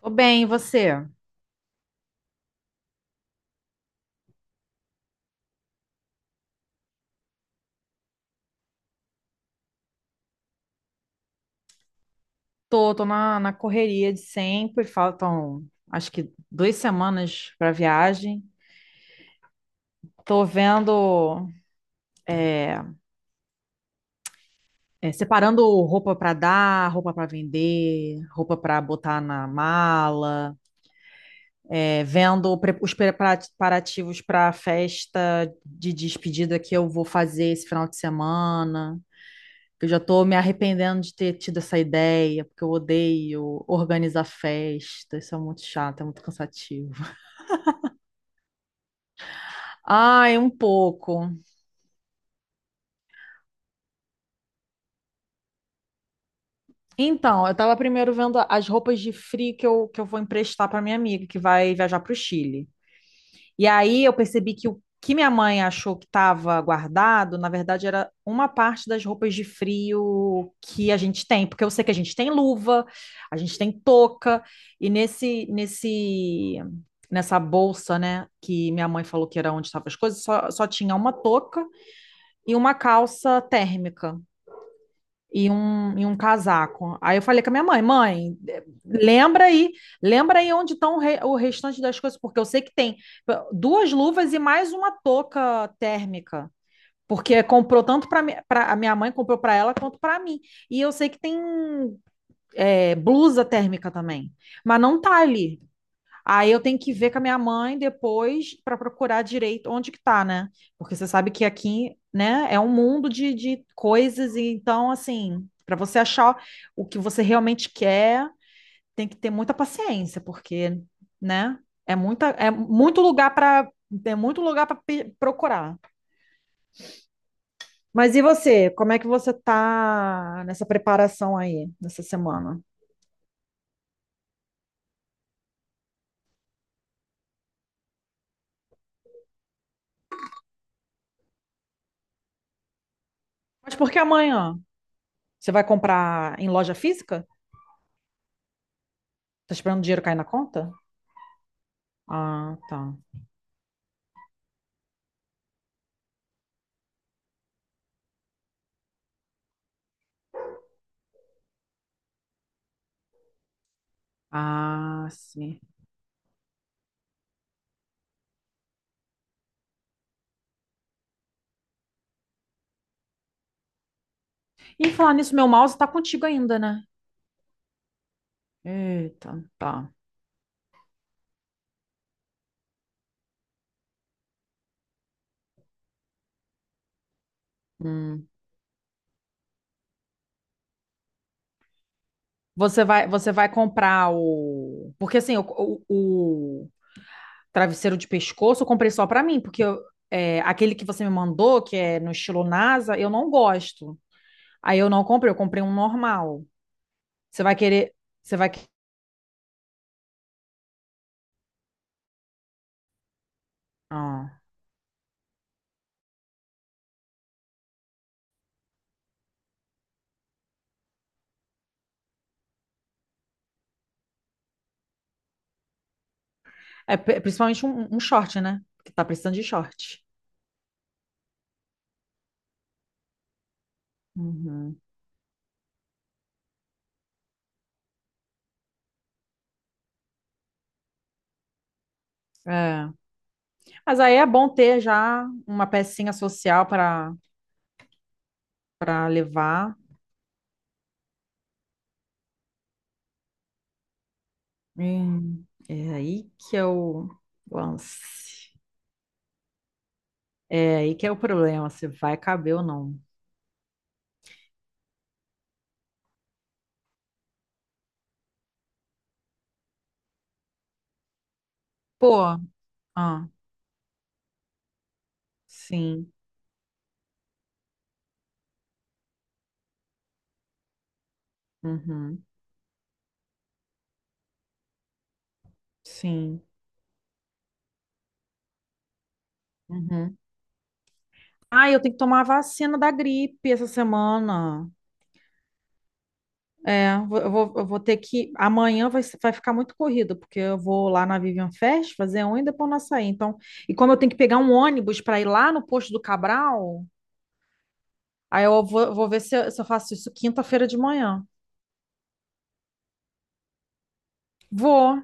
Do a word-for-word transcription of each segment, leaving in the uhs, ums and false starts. Tô bem, e você? Tô, tô na, na correria de sempre, faltam acho que duas semanas pra viagem. Tô vendo, é, é, separando roupa pra dar, roupa pra vender, roupa pra botar na mala, é, vendo pre- os preparativos pra festa de despedida que eu vou fazer esse final de semana. Eu já tô me arrependendo de ter tido essa ideia, porque eu odeio organizar festa, isso é muito chato, é muito cansativo. Ai, um pouco. Então, eu tava primeiro vendo as roupas de frio que eu, que eu vou emprestar para minha amiga que vai viajar para o Chile. E aí eu percebi que o que minha mãe achou que estava guardado, na verdade, era uma parte das roupas de frio que a gente tem, porque eu sei que a gente tem luva, a gente tem touca, e nesse, nesse, nessa bolsa, né, que minha mãe falou que era onde estavam as coisas, só, só tinha uma touca e uma calça térmica. e um, e um casaco. Aí eu falei com a minha mãe, mãe, lembra aí, lembra aí onde estão o, re- o restante das coisas, porque eu sei que tem duas luvas e mais uma touca térmica. Porque comprou tanto para a minha mãe, comprou para ela quanto para mim. E eu sei que tem é, blusa térmica também. Mas não tá ali. Aí eu tenho que ver com a minha mãe depois para procurar direito onde que tá, né? Porque você sabe que aqui, né, é um mundo de, de coisas, e então, assim, para você achar o que você realmente quer, tem que ter muita paciência, porque, né, é muita, é muito lugar para é muito lugar para procurar. Mas e você? Como é que você tá nessa preparação aí, nessa semana? Mas por que amanhã? Você vai comprar em loja física? Tá esperando o dinheiro cair na conta? Ah, tá. Ah, sim. E falar nisso, meu mouse tá contigo ainda, né? Eita, tá. Hum. Você vai, você vai comprar o. Porque assim, o, o, o travesseiro de pescoço eu comprei só pra mim, porque eu- é, aquele que você me mandou, que é no estilo NASA, eu não gosto. Aí eu não comprei, eu comprei um normal. Você vai querer. Você vai. que- Ah. É pri- principalmente um, um short, né? Porque tá precisando de short. Uhum. É. Mas aí é bom ter já uma pecinha social para para levar. Hum, é aí que é o lance. É aí que é o problema, se vai caber ou não. Pô, ah, sim, uhum, sim, uhum. Ah, eu tenho que tomar a vacina da gripe essa semana. É, eu vou, eu vou eu vou ter que. Amanhã vai, ser- vai ficar muito corrido, porque eu vou lá na Vivian Fest fazer um e depois nós sair. Então, e como eu tenho que pegar um ônibus para ir lá no posto do Cabral, aí eu vou, vou ver se eu, se eu faço isso quinta-feira de manhã. Vou.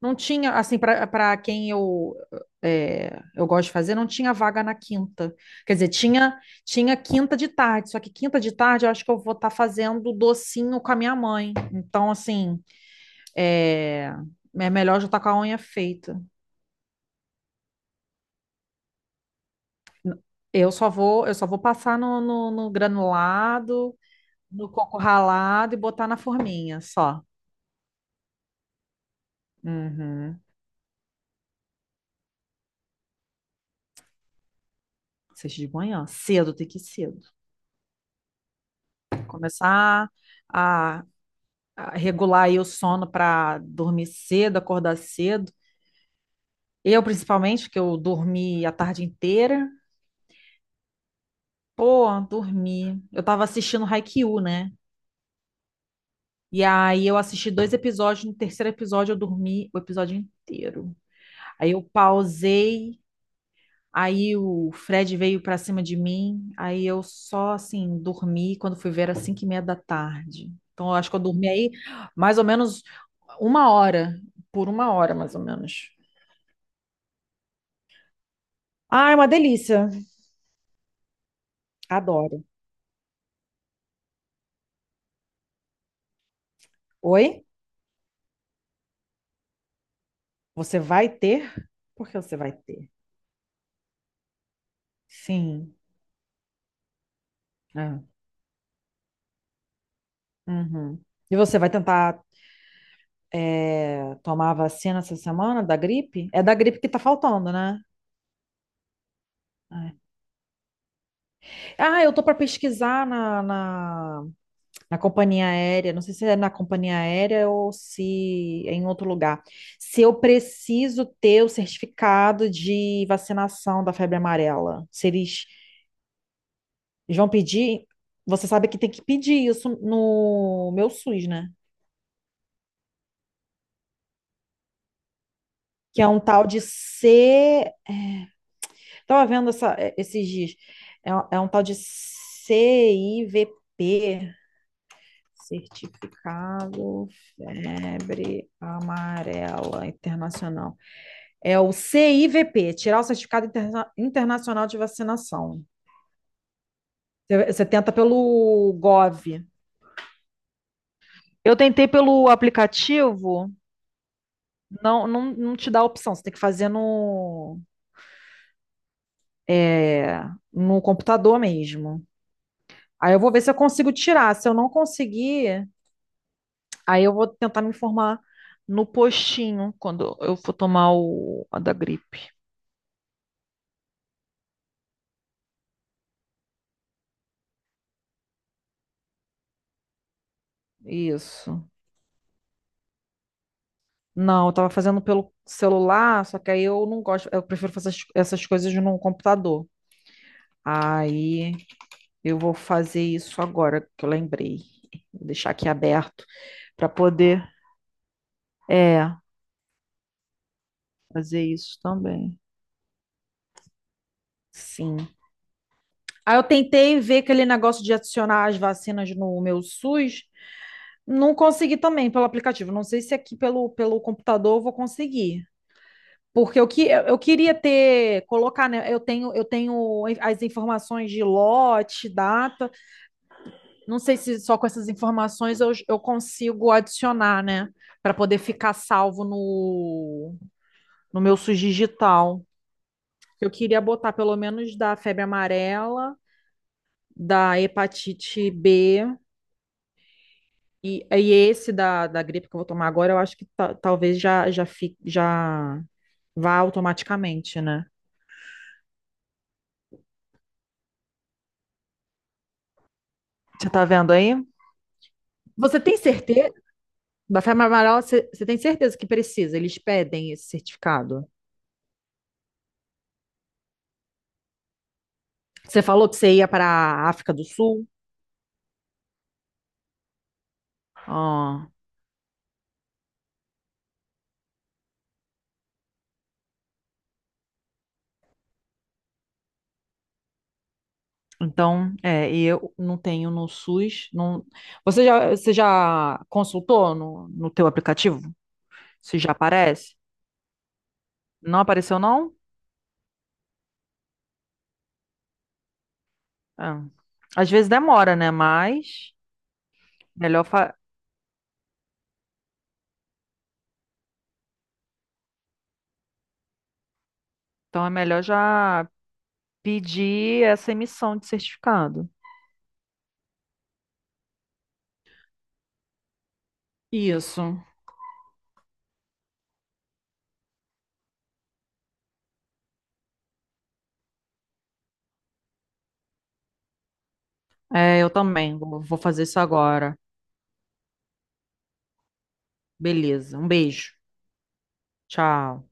Não tinha, assim, para para quem eu é, eu gosto de fazer, não tinha vaga na quinta. Quer dizer, tinha tinha quinta de tarde, só que quinta de tarde eu acho que eu vou estar fazendo docinho com a minha mãe. Então, assim, é, é melhor já estar com a unha feita. Eu só vou eu só vou passar no, no, no granulado, no coco ralado e botar na forminha, só. Uhum. Sexta de manhã, cedo, tem que ir cedo. Começar a, a regular aí o sono para dormir cedo, acordar cedo. Eu, principalmente, que eu dormi a tarde inteira. Pô, dormi. Eu tava assistindo Haikyuu, né? E aí eu assisti dois episódios, no terceiro episódio eu dormi o episódio inteiro. Aí eu pausei. Aí o Fred veio pra cima de mim, aí eu só assim dormi quando fui ver era cinco e meia da tarde. Então eu acho que eu dormi aí mais ou menos uma hora, por uma hora mais ou menos. Ah, é uma delícia. Adoro. Oi? Você vai ter? Por que você vai ter? Sim. É. Uhum. E você vai tentar é, tomar a vacina essa semana da gripe? É da gripe que tá faltando, né? É. Ah, eu tô para pesquisar na, na, Na companhia aérea, não sei se é na companhia aérea ou se é em outro lugar. Se eu preciso ter o certificado de vacinação da febre amarela, se eles vão pedir, você sabe que tem que pedir isso no meu SUS, né? Que é um tal de C. Estava vendo essa- é, esses dias. É, um é um tal de C I V P, Certificado Febre Amarela Internacional. É o C I V P, tirar o Certificado Interna- Internacional de Vacinação. Você você tenta pelo gov Eu tentei pelo aplicativo, não, não, não te dá a opção, você tem que fazer no, é, no computador mesmo. Aí eu vou ver se eu consigo tirar. Se eu não conseguir, aí eu vou tentar me informar no postinho quando eu for tomar o, a da gripe. Isso. Não, eu tava fazendo pelo celular, só que aí eu não gosto, eu prefiro fazer as- essas coisas no computador. Aí eu vou fazer isso agora que eu lembrei. Vou deixar aqui aberto para poder, é, fazer isso também. Sim. Aí eu tentei ver aquele negócio de adicionar as vacinas no meu SUS, não consegui também pelo aplicativo. Não sei se aqui pelo, pelo computador eu vou conseguir. Porque eu, que, eu eu queria ter, colocar, né? Eu tenho, eu tenho as informações de lote, data. Não sei se só com essas informações eu, eu consigo adicionar, né? Para poder ficar salvo no, no meu SUS digital. Eu queria botar pelo menos da febre amarela, da hepatite bê e, e esse da, da gripe que eu vou tomar agora, eu acho que ta- talvez já, já, fique, já vá automaticamente, né? Você tá vendo aí? Você tem certeza? Café Marmarol, você você tem certeza que precisa? Eles pedem esse certificado. Você falou que você ia para a África do Sul? Ah, então, é, e eu não tenho no SUS. Não... Você já, você já consultou no, no teu aplicativo? Se já aparece? Não apareceu, não? Ah, às vezes demora, né? Mas melhor fa- então é melhor já pedir essa emissão de certificado. Isso. É, eu também. Vou vou fazer isso agora. Beleza. Um beijo. Tchau.